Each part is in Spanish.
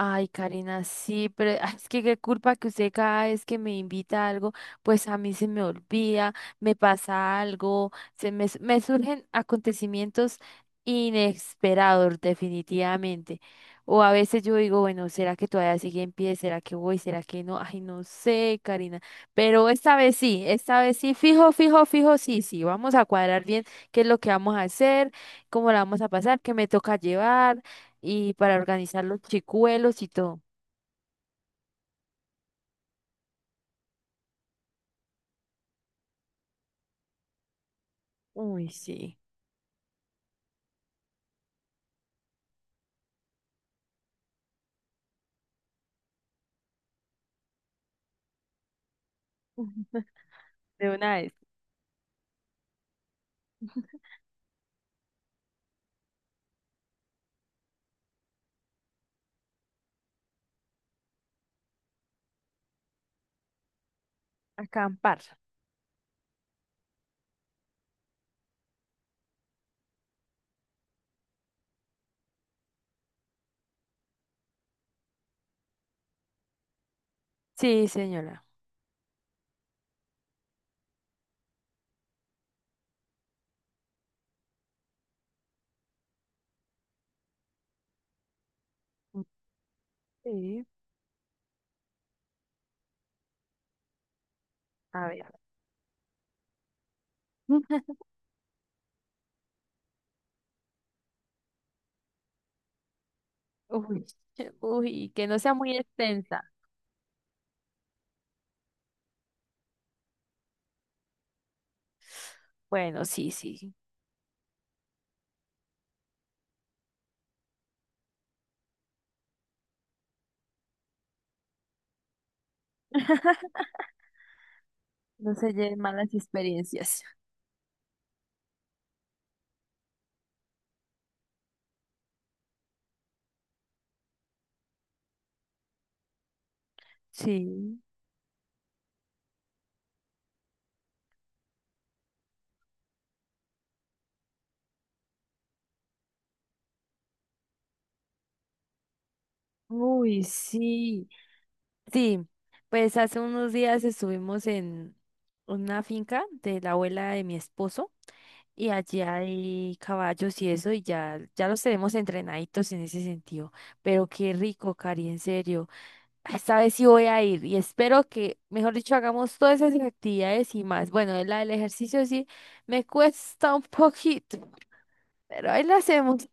Ay, Karina, sí, pero ay, es que qué culpa que usted cada vez que me invita a algo, pues a mí se me olvida, me pasa algo, me surgen acontecimientos inesperados, definitivamente. O a veces yo digo, bueno, ¿será que todavía sigue en pie? ¿Será que voy? ¿Será que no? Ay, no sé, Karina. Pero esta vez sí, fijo, fijo, fijo, sí, sí. Vamos a cuadrar bien qué es lo que vamos a hacer, cómo la vamos a pasar, qué me toca llevar y para organizar los chicuelos y todo. Uy, sí. De una vez, acampar. Sí, señora. Sí, a ver. Uy, uy, que no sea muy extensa. Bueno, sí, sí. No se lleven malas experiencias. Sí. Uy, sí. Sí, pues hace unos días estuvimos en una finca de la abuela de mi esposo. Y allí hay caballos y eso, y ya, ya los tenemos entrenaditos en ese sentido. Pero qué rico, Cari, en serio. Esta vez sí voy a ir y espero que, mejor dicho, hagamos todas esas actividades y más. Bueno, la del ejercicio sí me cuesta un poquito, pero ahí la hacemos.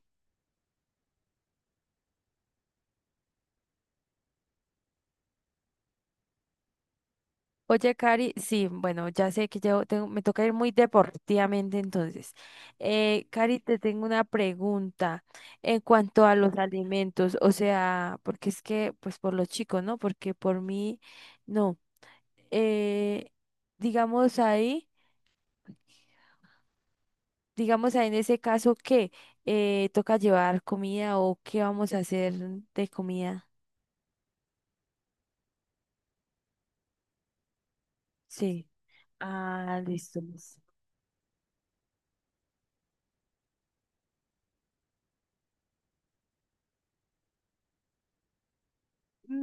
Oye, Cari, sí, bueno, ya sé que yo tengo, me toca ir muy deportivamente entonces. Cari, te tengo una pregunta en cuanto a los alimentos, o sea, porque es que, pues por los chicos, ¿no? Porque por mí, no. Eh, digamos ahí, digamos ahí en ese caso, ¿qué? ¿Toca llevar comida o qué vamos a hacer de comida? Sí. Ah, listo, listo.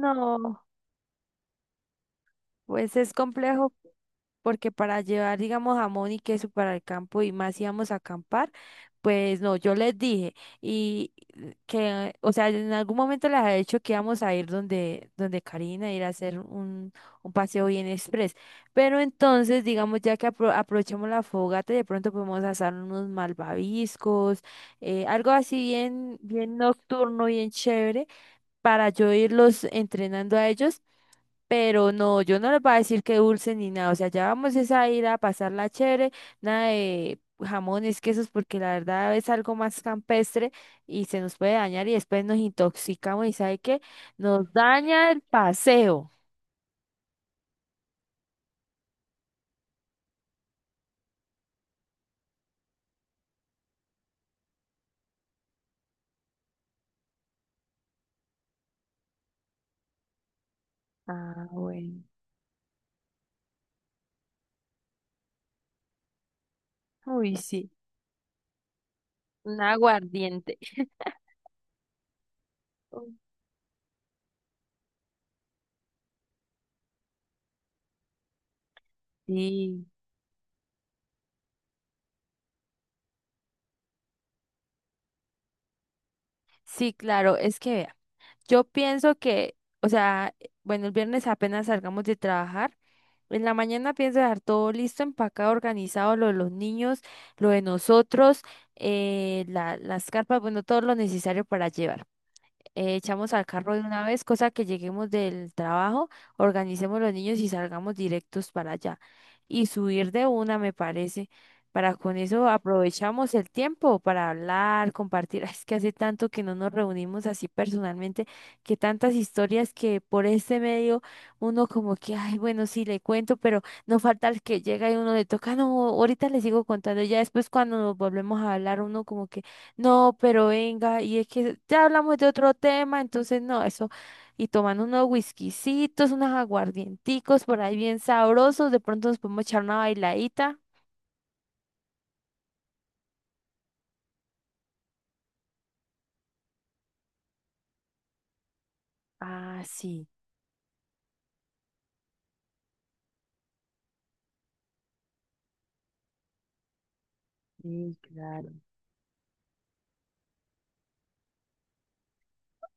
No, pues es complejo porque para llevar, digamos, jamón y queso para el campo y más íbamos a acampar, pues no, yo les dije y que, o sea, en algún momento les había dicho que íbamos a ir donde, Karina, ir a hacer un paseo bien express, pero entonces, digamos, ya que aprovechemos la fogata, de pronto podemos asar unos malvaviscos, algo así bien, bien nocturno, bien chévere, para yo irlos entrenando a ellos pero no, yo no les voy a decir que dulce ni nada. O sea, ya vamos es a ir a pasarla chévere, nada de jamones, quesos, porque la verdad es algo más campestre y se nos puede dañar y después nos intoxicamos y ¿sabe qué? Nos daña el paseo. Ah, bueno. Uy, sí. Un aguardiente. Uy, sí. Sí, claro, es que vea, yo pienso que, o sea, bueno, el viernes apenas salgamos de trabajar. En la mañana pienso dejar todo listo, empacado, organizado, lo de los niños, lo de nosotros, las carpas, bueno, todo lo necesario para llevar echamos al carro de una vez, cosa que lleguemos del trabajo, organicemos los niños y salgamos directos para allá. Y subir de una, me parece, para con eso aprovechamos el tiempo para hablar, compartir. Ay, es que hace tanto que no nos reunimos así personalmente, que tantas historias que por este medio uno como que, ay, bueno, sí le cuento, pero no falta el que llega y uno le toca, no, ahorita le sigo contando. Ya después cuando nos volvemos a hablar, uno como que no, pero venga, y es que ya hablamos de otro tema, entonces no, eso, y tomando unos whiskycitos, unos aguardienticos por ahí bien sabrosos, de pronto nos podemos echar una bailadita. Ah, sí, sí, claro.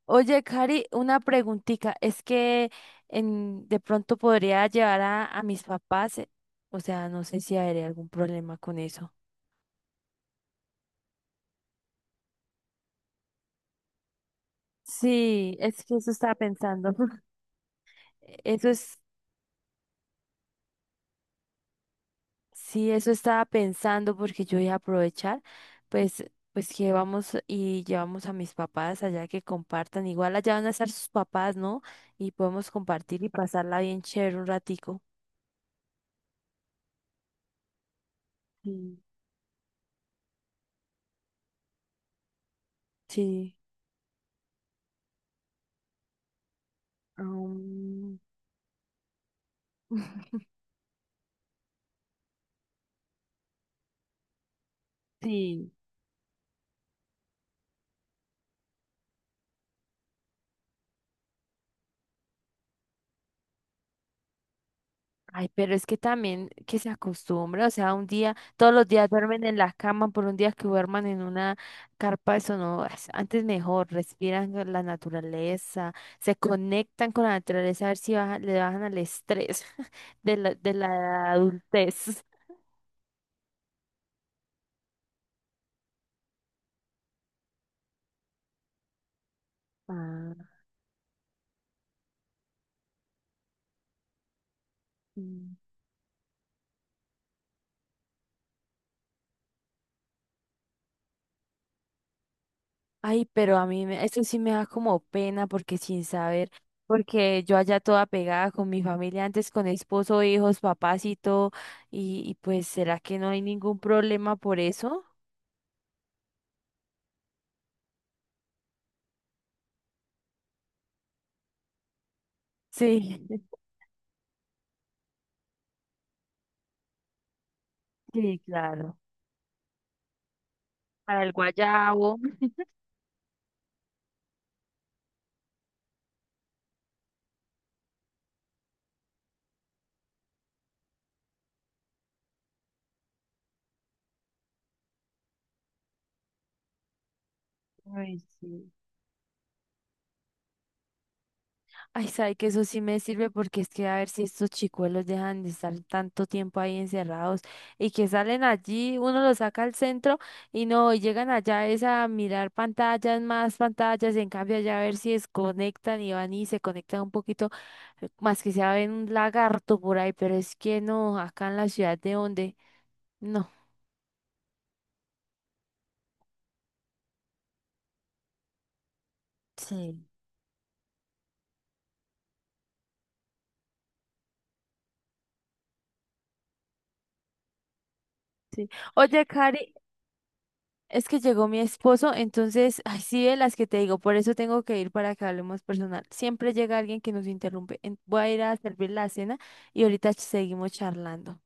Oye, Cari, una preguntita, es que en, de pronto podría llevar a mis papás, o sea, no sé si habría algún problema con eso. Sí, es que eso estaba pensando. Eso es sí, eso estaba pensando porque yo iba a aprovechar, pues, pues que vamos y llevamos a mis papás allá que compartan. Igual allá van a estar sus papás, ¿no? Y podemos compartir y pasarla bien chévere un ratico. Sí, sí. um, sí, ay, pero es que también que se acostumbra, o sea, un día, todos los días duermen en la cama, por un día que duerman en una carpa, eso no, es- antes mejor, respiran con la naturaleza, se conectan con la naturaleza, a ver si le bajan al estrés de la adultez. Ah. Ay, pero a mí me- eso sí me da como pena porque sin saber, porque yo allá toda pegada con mi familia antes, con esposo, hijos, papás y todo, y pues ¿será que no hay ningún problema por eso? Sí, sí, claro. Para el guayabo. Ay, sí. Ay, sabe que eso sí me sirve porque es que a ver si estos chicuelos dejan de estar tanto tiempo ahí encerrados y que salen allí, uno los saca al centro y no y llegan allá es a mirar pantallas, más pantallas, en cambio allá a ver si desconectan y van y se conectan un poquito, más que sea ven un lagarto por ahí, pero es que no, acá en la ciudad de donde, no. Sí. Sí. Oye, Cari, es que llegó mi esposo, entonces, ay, sí, de las que te digo, por eso tengo que ir para que hablemos personal. Siempre llega alguien que nos interrumpe. En- voy a ir a servir la cena y ahorita seguimos charlando.